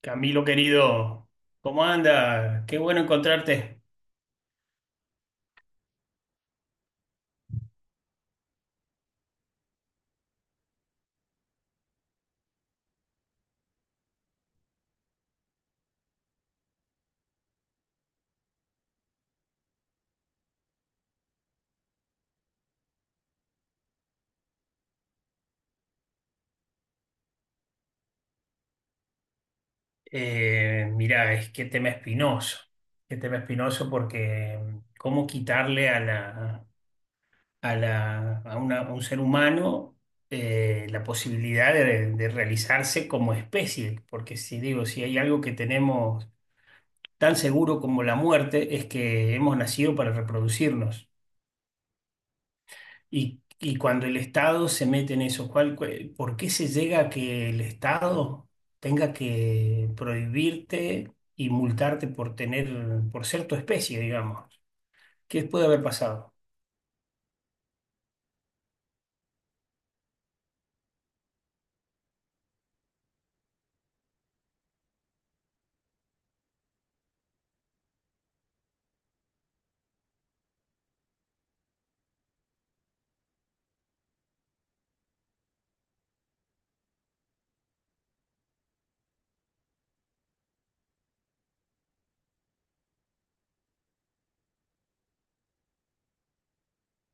Camilo querido, ¿cómo anda? Qué bueno encontrarte. Mira, es que tema espinoso, qué tema espinoso porque cómo quitarle a un ser humano la posibilidad de realizarse como especie, porque si hay algo que tenemos tan seguro como la muerte, es que hemos nacido para reproducirnos. Y cuando el Estado se mete en eso, ¿ por qué se llega a que el Estado tenga que prohibirte y multarte por tener, por ser tu especie, digamos? ¿Qué puede haber pasado?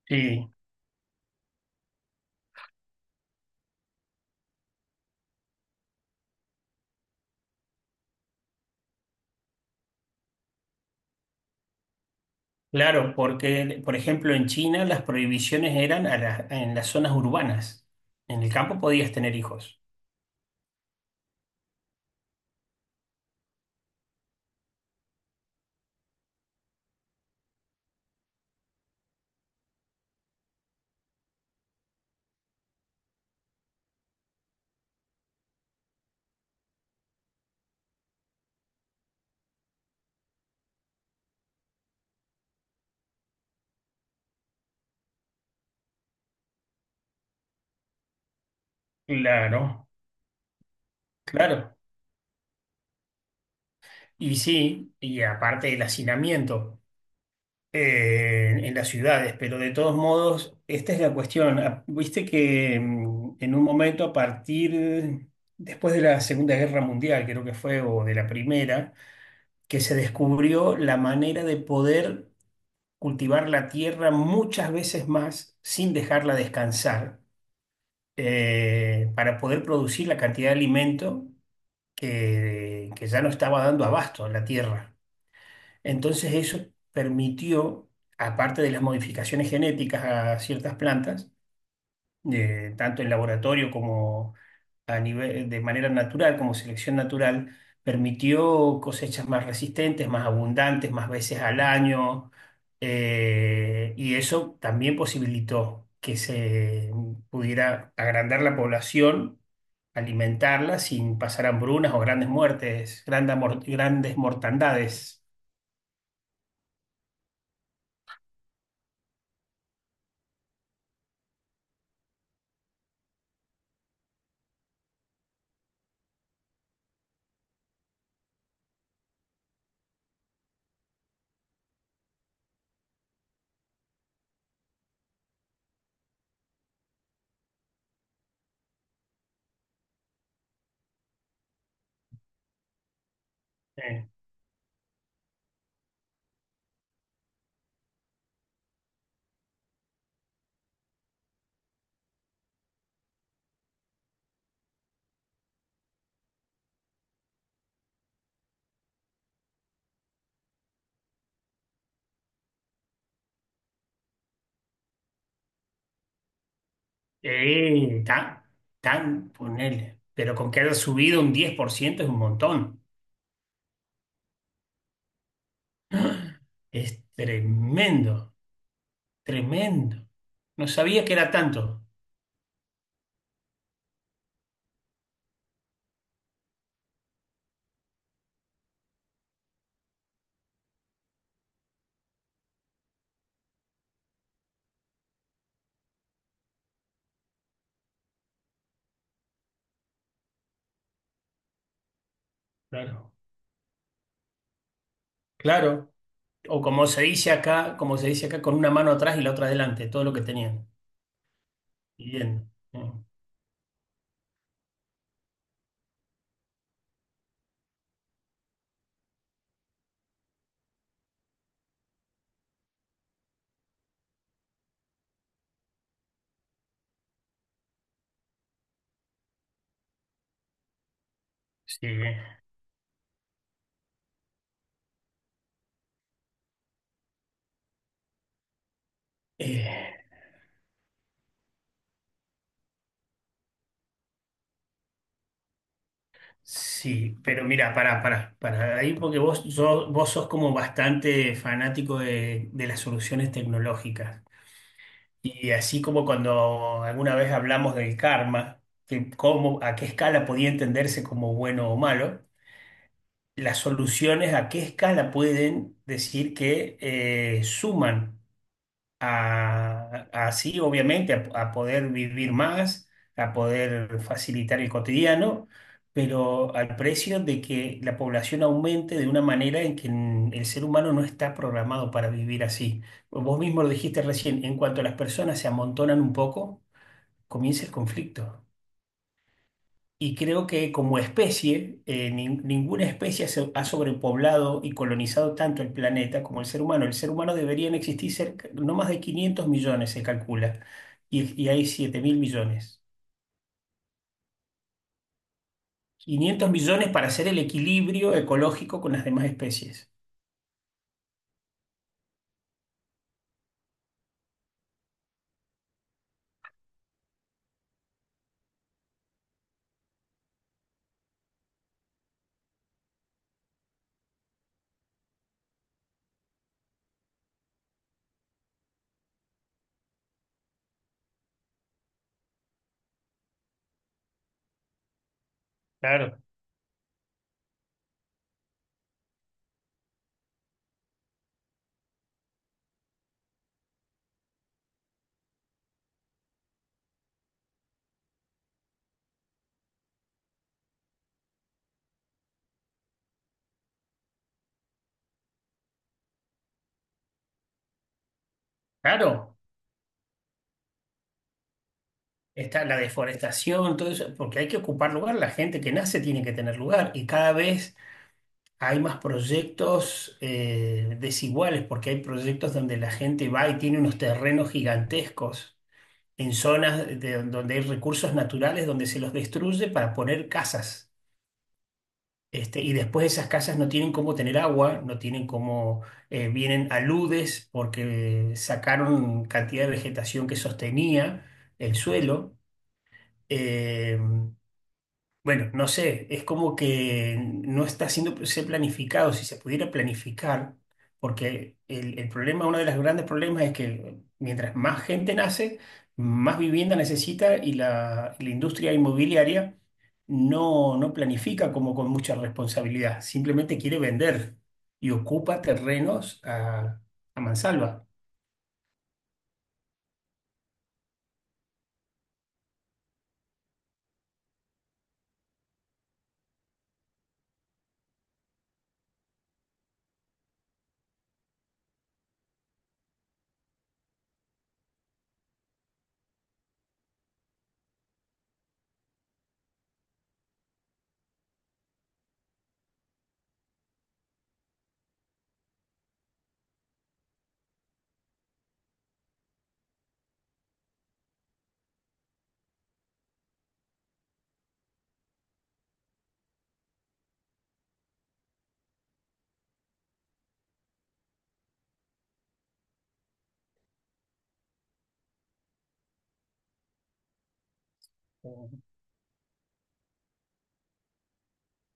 Sí, claro, porque, por ejemplo, en China las prohibiciones eran en las zonas urbanas. En el campo podías tener hijos. Claro, claro. Y sí, y aparte el hacinamiento en las ciudades, pero de todos modos, esta es la cuestión. Ah, viste que en un momento después de la Segunda Guerra Mundial, creo que fue, o de la Primera, que se descubrió la manera de poder cultivar la tierra muchas veces más sin dejarla descansar, para poder producir la cantidad de alimento que ya no estaba dando abasto a la tierra. Entonces eso permitió, aparte de las modificaciones genéticas a ciertas plantas, tanto en laboratorio como a nivel, de manera natural, como selección natural, permitió cosechas más resistentes, más abundantes, más veces al año, y eso también posibilitó que se pudiera agrandar la población, alimentarla sin pasar hambrunas o grandes muertes, grandes mortandades. Tan, tan, ponele. Pero con que haya subido un 10% es un montón. Es tremendo, tremendo. No sabía que era tanto. Claro. Claro. O como se dice acá, como se dice acá, con una mano atrás y la otra adelante, todo lo que tenían. Bien. Sí. Eh, sí, pero mira, para ahí, porque vos, vos sos como bastante fanático de las soluciones tecnológicas. Y así como cuando alguna vez hablamos del karma, que cómo, a qué escala podía entenderse como bueno o malo, las soluciones a qué escala pueden decir que suman así, obviamente, a poder vivir más, a poder facilitar el cotidiano, pero al precio de que la población aumente de una manera en que el ser humano no está programado para vivir así. Vos mismo lo dijiste recién, en cuanto las personas se amontonan un poco, comienza el conflicto. Y creo que como especie, ninguna especie ha sobrepoblado y colonizado tanto el planeta como el ser humano. El ser humano deberían existir no más de 500 millones, se calcula, y hay 7 mil millones. 500 millones para hacer el equilibrio ecológico con las demás especies. Claro. Claro, está la deforestación, todo eso, porque hay que ocupar lugar, la gente que nace tiene que tener lugar y cada vez hay más proyectos desiguales, porque hay proyectos donde la gente va y tiene unos terrenos gigantescos en zonas donde hay recursos naturales, donde se los destruye para poner casas. Este, y después esas casas no tienen cómo tener agua, no tienen cómo, vienen aludes porque sacaron cantidad de vegetación que sostenía el suelo. Eh, bueno, no sé, es como que no está siendo se planificado. Si se pudiera planificar, porque el problema, uno de los grandes problemas es que mientras más gente nace, más vivienda necesita y la industria inmobiliaria no, no planifica como con mucha responsabilidad, simplemente quiere vender y ocupa terrenos a mansalva.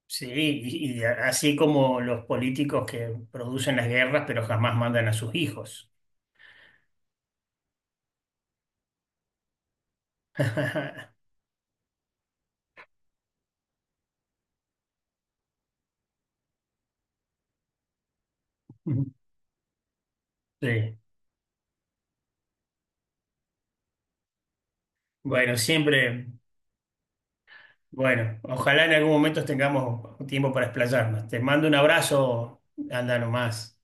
Sí, y así como los políticos que producen las guerras, pero jamás mandan a sus hijos. Sí, bueno, siempre, bueno, ojalá en algún momento tengamos tiempo para explayarnos. Te mando un abrazo, anda nomás.